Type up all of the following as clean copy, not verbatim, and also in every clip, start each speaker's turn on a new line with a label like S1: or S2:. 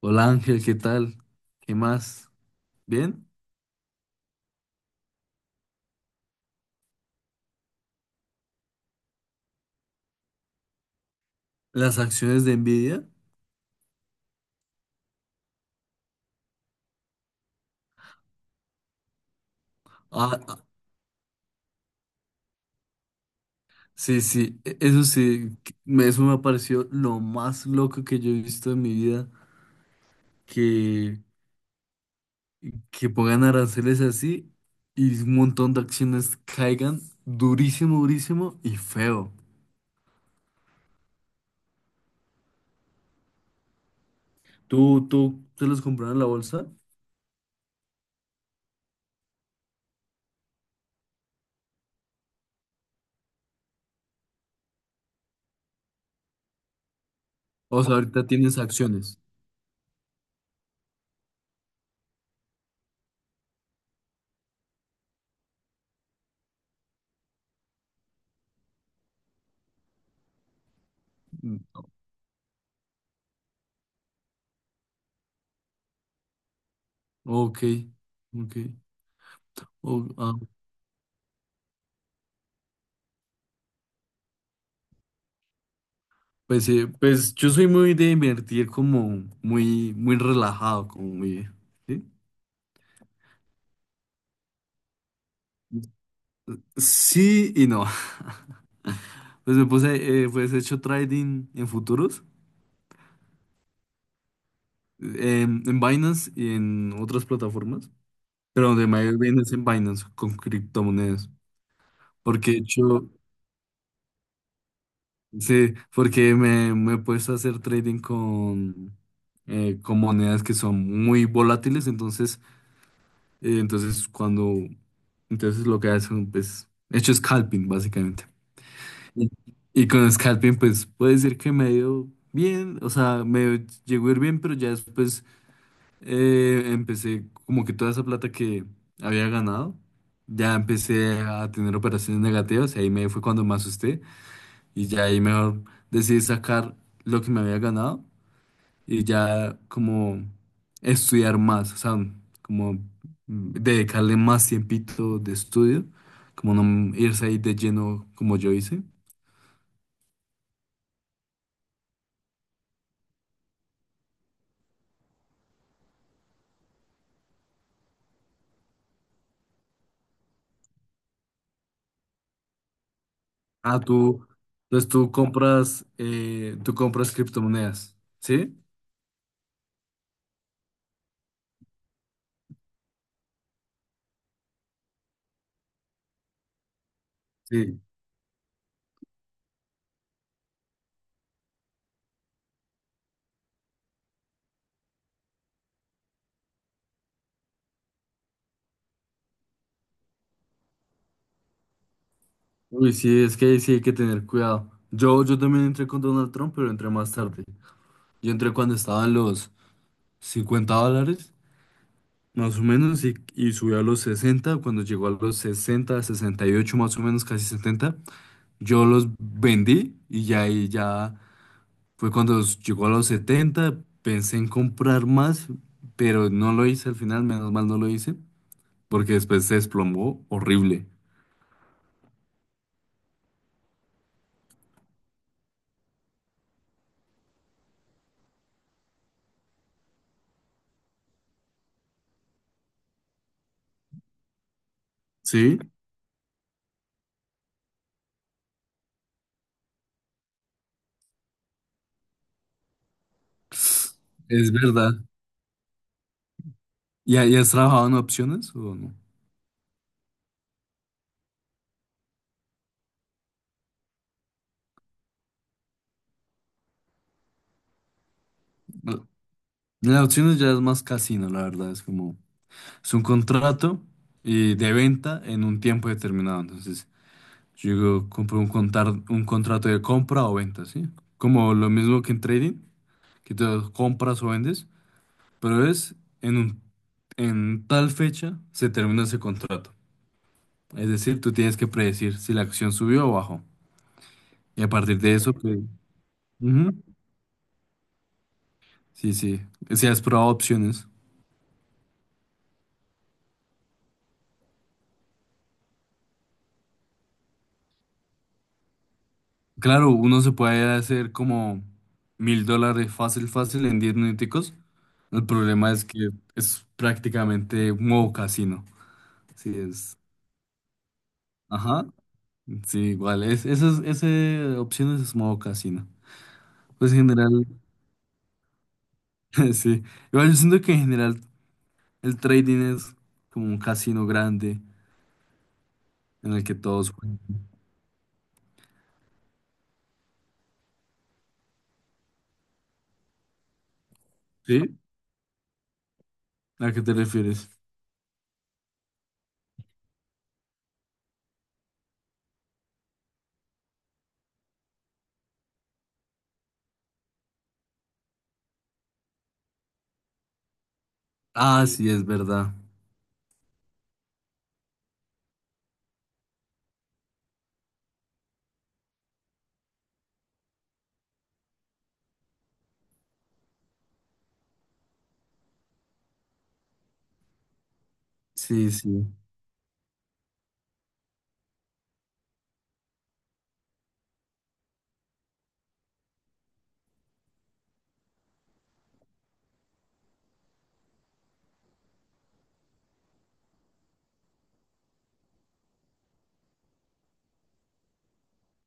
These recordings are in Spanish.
S1: Hola Ángel, ¿qué tal? ¿Qué más? ¿Bien? ¿Las acciones de Nvidia? Ah, ah, sí, sí, eso sí, eso me pareció lo más loco que yo he visto en mi vida, que, que pongan aranceles así y un montón de acciones caigan durísimo, durísimo y feo. ¿Tú te los compraron en la bolsa? O sea, ahorita tienes acciones. Mm, Ok, ok. Pues, pues yo soy muy de invertir como muy, muy relajado, como muy... Sí, sí y no. Pues me puse, pues he hecho trading en futuros, en Binance y en otras plataformas, pero donde me ha ido bien es en Binance con criptomonedas, porque he hecho, sí, porque me he puesto a hacer trading con monedas que son muy volátiles, entonces Eh, entonces, cuando, entonces lo que hacen, pues, hecho scalping, básicamente. Y, y con scalping, pues, puede decir que me dio bien, o sea, me llegó a ir bien, pero ya después empecé como que toda esa plata que había ganado, ya empecé a tener operaciones negativas y ahí me fue cuando me asusté y ya ahí mejor decidí sacar lo que me había ganado y ya como estudiar más, o sea, como dedicarle más tiempito de estudio, como no irse ahí de lleno como yo hice. Ah, tú, entonces tú compras criptomonedas, ¿sí? Sí. Uy, sí, es que ahí sí hay que tener cuidado. Yo también entré con Donald Trump, pero entré más tarde. Yo entré cuando estaban los $50, más o menos, y subió a los 60 cuando llegó a los 60, 68 más o menos, casi 70. Yo los vendí y ya ahí ya fue cuando llegó a los 70, pensé en comprar más, pero no lo hice al final, menos mal no lo hice, porque después se desplomó horrible. Sí, es verdad. Y has trabajado en opciones o no? No, las opciones ya es más casino, la verdad, es como, es un contrato y de venta en un tiempo determinado, entonces yo digo, un contrato de compra o venta, ¿sí? Como lo mismo que en trading, que tú compras o vendes, pero es en un, en tal fecha se termina ese contrato. Es decir, tú tienes que predecir si la acción subió o bajó. Y a partir de eso, pues, ujú, sí, sí. Si has probado opciones. Claro, uno se puede hacer como $1,000 fácil, fácil en 10 minuticos. El problema es que es prácticamente un modo casino. Sí, es. Ajá. Sí, igual. Esas opciones es modo casino. Pues en general. Sí, igual yo siento que en general el trading es como un casino grande en el que todos juegan. ¿Sí? ¿A qué te refieres? Ah, sí, es verdad. Sí, sí.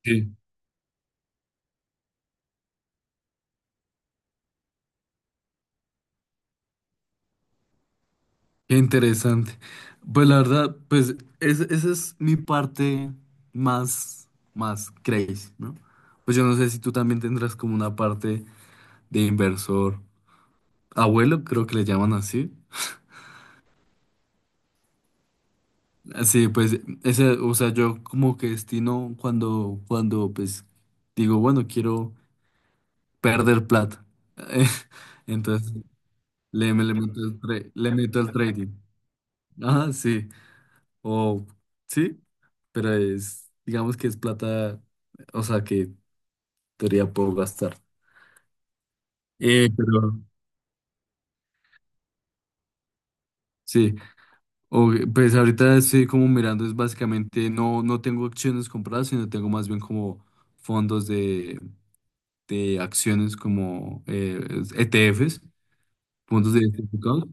S1: Sí. Qué interesante. Pues la verdad, pues esa es mi parte más, más crazy, ¿no? Pues yo no sé si tú también tendrás como una parte de inversor abuelo, creo que le llaman así. Sí, pues ese, o sea, yo como que destino cuando, cuando pues digo, bueno, quiero perder plata. Entonces le meto el le meto el trading. Ajá, sí. O sí, pero es, digamos que es plata, o sea, que en teoría puedo gastar. Pero sí, pues ahorita estoy como mirando, es básicamente no, no tengo acciones compradas, sino tengo más bien como fondos de acciones como ETFs, fondos diversificados.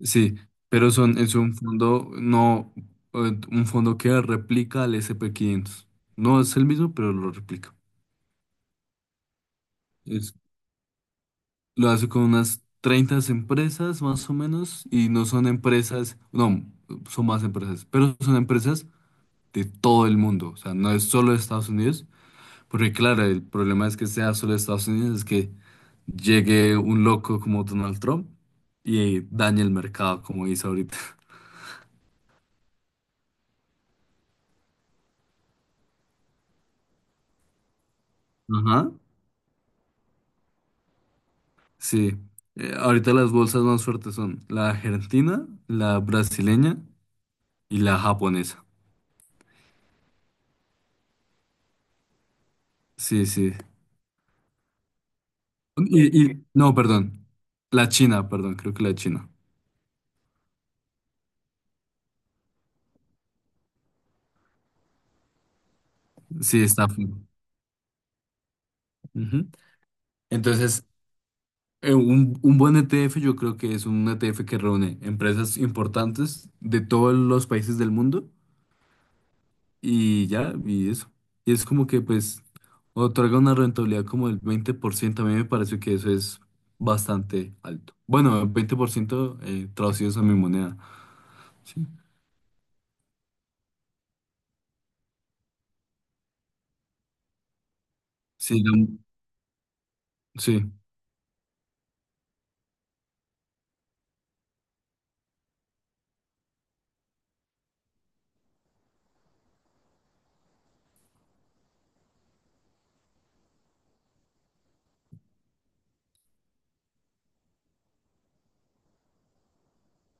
S1: Sí, pero son, es un fondo, no, un fondo que replica al S&P 500. No es el mismo, pero lo replica. Es- lo hace con unas 30 empresas más o menos y no son empresas, no, son más empresas, pero son empresas de todo el mundo. O sea, no es solo de Estados Unidos. Porque claro, el problema es que sea solo de Estados Unidos, es que llegue un loco como Donald Trump y dañe el mercado, como dice ahorita. Ajá. Sí. Ahorita las bolsas más fuertes son la argentina, la brasileña y la japonesa. Sí, sí. No, perdón. La China, perdón, creo que la China. Sí, está fuerte. Ujú. Entonces, un buen ETF yo creo que es un ETF que reúne empresas importantes de todos los países del mundo. Y ya, y eso. Y es como que pues otorga una rentabilidad como del 20%. A mí me parece que eso es bastante alto. Bueno, 20% traducidos a mi moneda. Sí, sí, sí,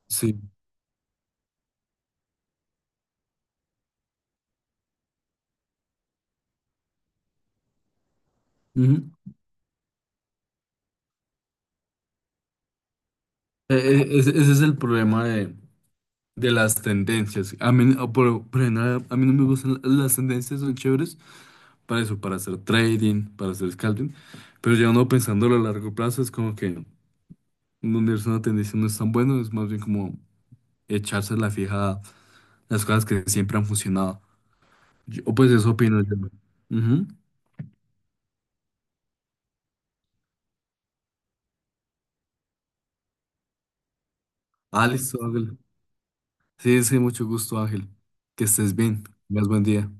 S1: sí. Ujú. Ese es el problema de las tendencias. A mí, por general, a mí no me gustan las tendencias, son chéveres para eso, para hacer trading, para hacer scalping. Pero ya uno pensándolo a largo plazo es como que donde es una tendencia no es tan bueno, es más bien como echarse la fija las cosas que siempre han funcionado. O pues eso opino yo. Ujú. Ah, listo, Ángel. Sí, sí, mucho gusto, Ángel. Que estés bien. Tengas buen día.